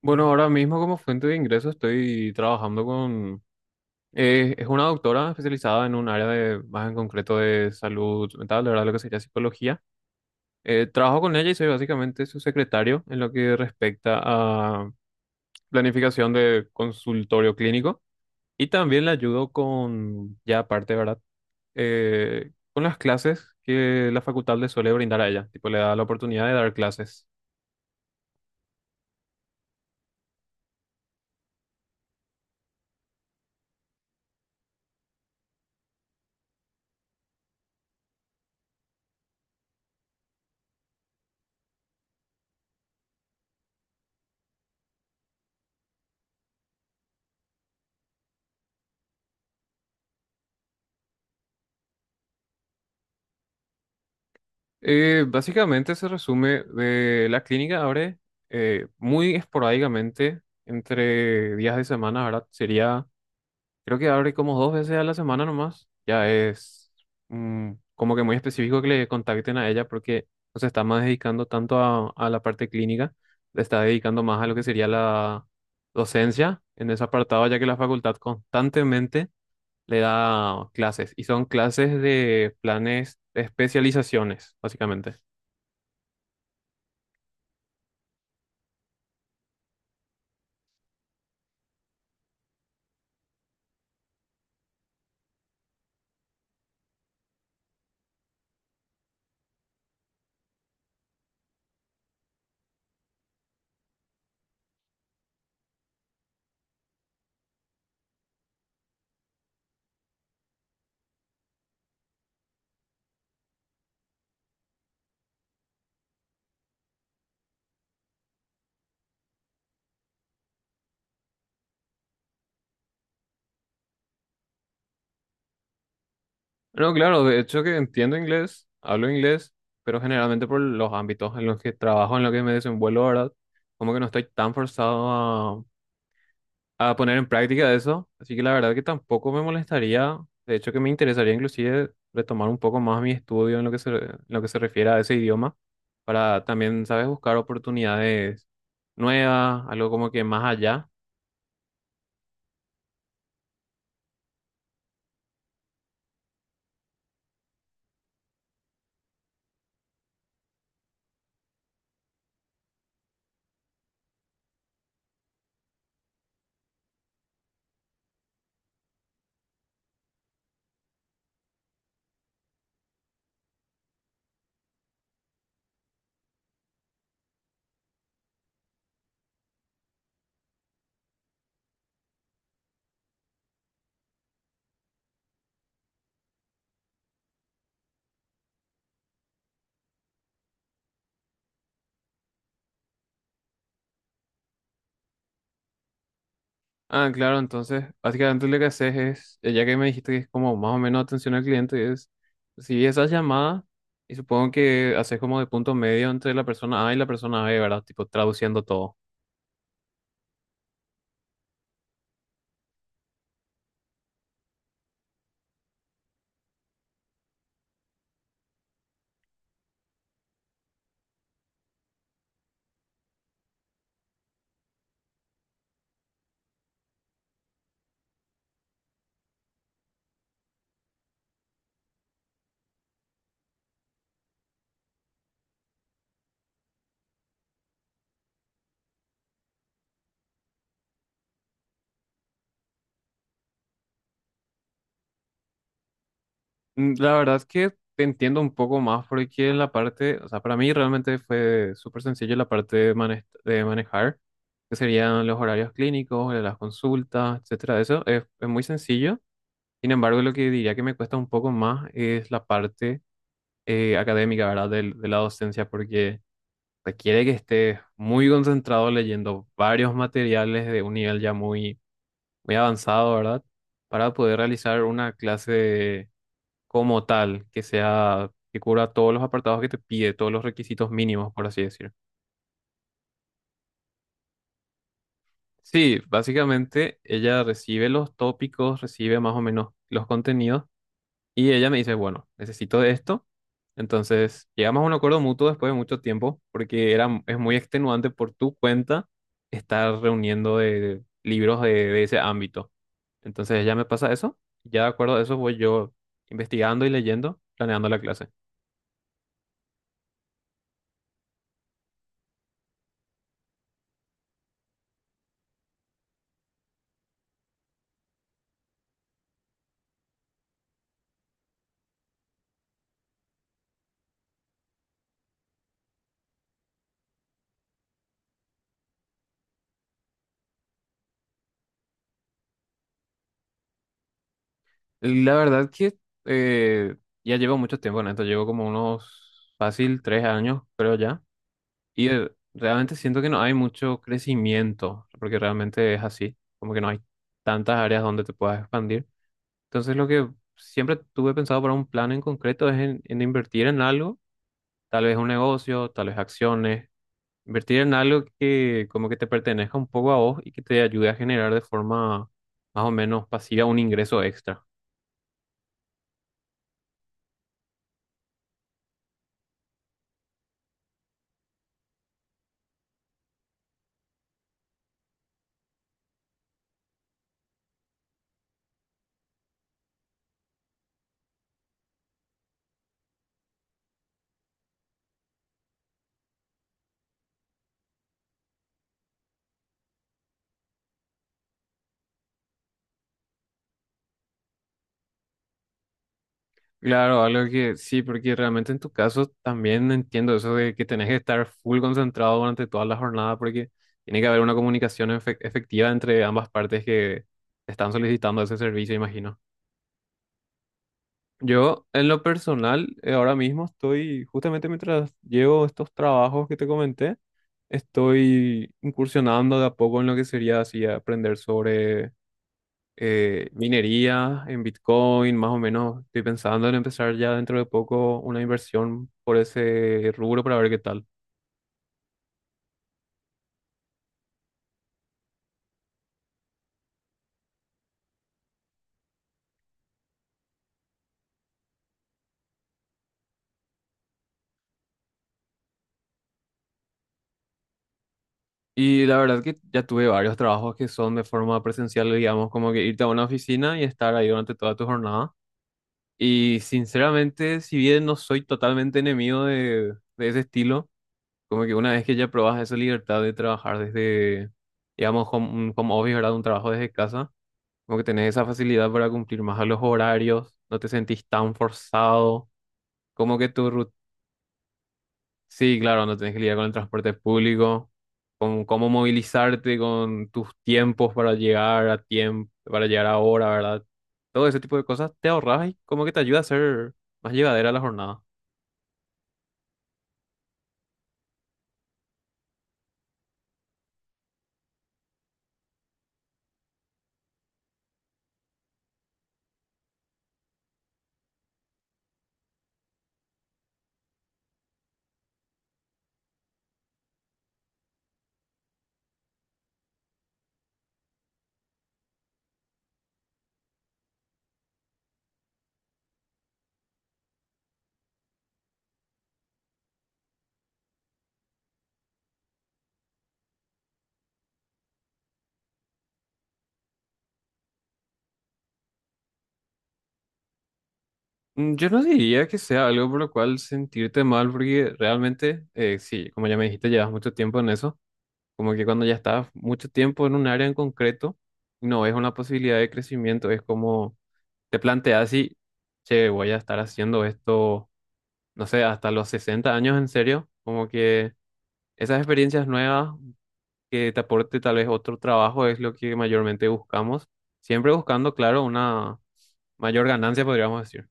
Bueno, ahora mismo como fuente de ingreso estoy trabajando con... es una doctora especializada en un área más en concreto de salud mental, de ¿verdad? Lo que sería psicología. Trabajo con ella y soy básicamente su secretario en lo que respecta a planificación de consultorio clínico. Y también la ayudo con, ya aparte, ¿verdad? Con las clases que la facultad le suele brindar a ella. Tipo, le da la oportunidad de dar clases. Básicamente se resume de la clínica abre muy esporádicamente entre días de semana, ¿verdad? Sería, creo que abre como dos veces a la semana nomás. Ya es como que muy específico que le contacten a ella porque no se está más dedicando tanto a la parte clínica, le está dedicando más a lo que sería la docencia en ese apartado, ya que la facultad constantemente le da clases y son clases de planes de especializaciones, básicamente. No, claro, de hecho que entiendo inglés, hablo inglés, pero generalmente por los ámbitos en los que trabajo, en los que me desenvuelvo, ¿verdad? Como que no estoy tan forzado a poner en práctica eso, así que la verdad que tampoco me molestaría, de hecho que me interesaría inclusive retomar un poco más mi estudio en lo que se, en lo que se refiere a ese idioma, para también, ¿sabes?, buscar oportunidades nuevas, algo como que más allá. Ah, claro, entonces, básicamente lo que haces es, ya que me dijiste que es como más o menos atención al cliente, es si esas llamadas, y supongo que haces como de punto medio entre la persona A y la persona B, ¿verdad? Tipo traduciendo todo. La verdad es que te entiendo un poco más porque en la parte, o sea, para mí realmente fue súper sencillo la parte de manejar, que serían los horarios clínicos, las consultas, etcétera. Eso es muy sencillo. Sin embargo, lo que diría que me cuesta un poco más es la parte académica, ¿verdad? La docencia, porque requiere que estés muy concentrado leyendo varios materiales de un nivel ya muy, muy avanzado, ¿verdad? Para poder realizar una clase como tal, que sea, que cubra todos los apartados que te pide, todos los requisitos mínimos, por así decir. Sí, básicamente ella recibe los tópicos, recibe más o menos los contenidos. Y ella me dice, bueno, necesito de esto. Entonces, llegamos a un acuerdo mutuo después de mucho tiempo, porque era, es muy extenuante por tu cuenta estar reuniendo de libros de ese ámbito. Entonces, ella me pasa eso. Ya de acuerdo a eso, voy yo investigando y leyendo, planeando la clase. La verdad que eh, ya llevo mucho tiempo en esto, llevo como unos fácil 3 años, creo ya. Y realmente siento que no hay mucho crecimiento, porque realmente es así, como que no hay tantas áreas donde te puedas expandir. Entonces lo que siempre tuve pensado para un plan en concreto es en invertir en algo, tal vez un negocio, tal vez acciones, invertir en algo que como que te pertenezca un poco a vos y que te ayude a generar de forma más o menos pasiva un ingreso extra. Claro, algo que sí, porque realmente en tu caso también entiendo eso de que tenés que estar full concentrado durante toda la jornada porque tiene que haber una comunicación efectiva entre ambas partes que te están solicitando ese servicio, imagino. Yo, en lo personal, ahora mismo estoy, justamente mientras llevo estos trabajos que te comenté, estoy incursionando de a poco en lo que sería así aprender sobre minería en Bitcoin, más o menos estoy pensando en empezar ya dentro de poco una inversión por ese rubro para ver qué tal. Y la verdad que ya tuve varios trabajos que son de forma presencial, digamos, como que irte a una oficina y estar ahí durante toda tu jornada. Y sinceramente, si bien no soy totalmente enemigo de ese estilo, como que una vez que ya probas esa libertad de trabajar desde, digamos, un home office, ¿verdad? Un trabajo desde casa. Como que tenés esa facilidad para cumplir más a los horarios, no te sentís tan forzado, como que tu rutina... Sí, claro, no tenés que lidiar con el transporte público, con cómo movilizarte, con tus tiempos para llegar a tiempo, para llegar a hora, ¿verdad? Todo ese tipo de cosas te ahorras y como que te ayuda a ser más llevadera la jornada. Yo no diría que sea algo por lo cual sentirte mal, porque realmente, sí, como ya me dijiste, llevas mucho tiempo en eso. Como que cuando ya estás mucho tiempo en un área en concreto, no es una posibilidad de crecimiento, es como te planteas así, che, voy a estar haciendo esto, no sé, hasta los 60 años en serio, como que esas experiencias nuevas que te aporte tal vez otro trabajo es lo que mayormente buscamos, siempre buscando, claro, una mayor ganancia, podríamos decir.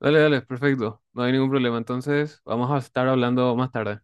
Dale, dale, perfecto, no hay ningún problema, entonces vamos a estar hablando más tarde.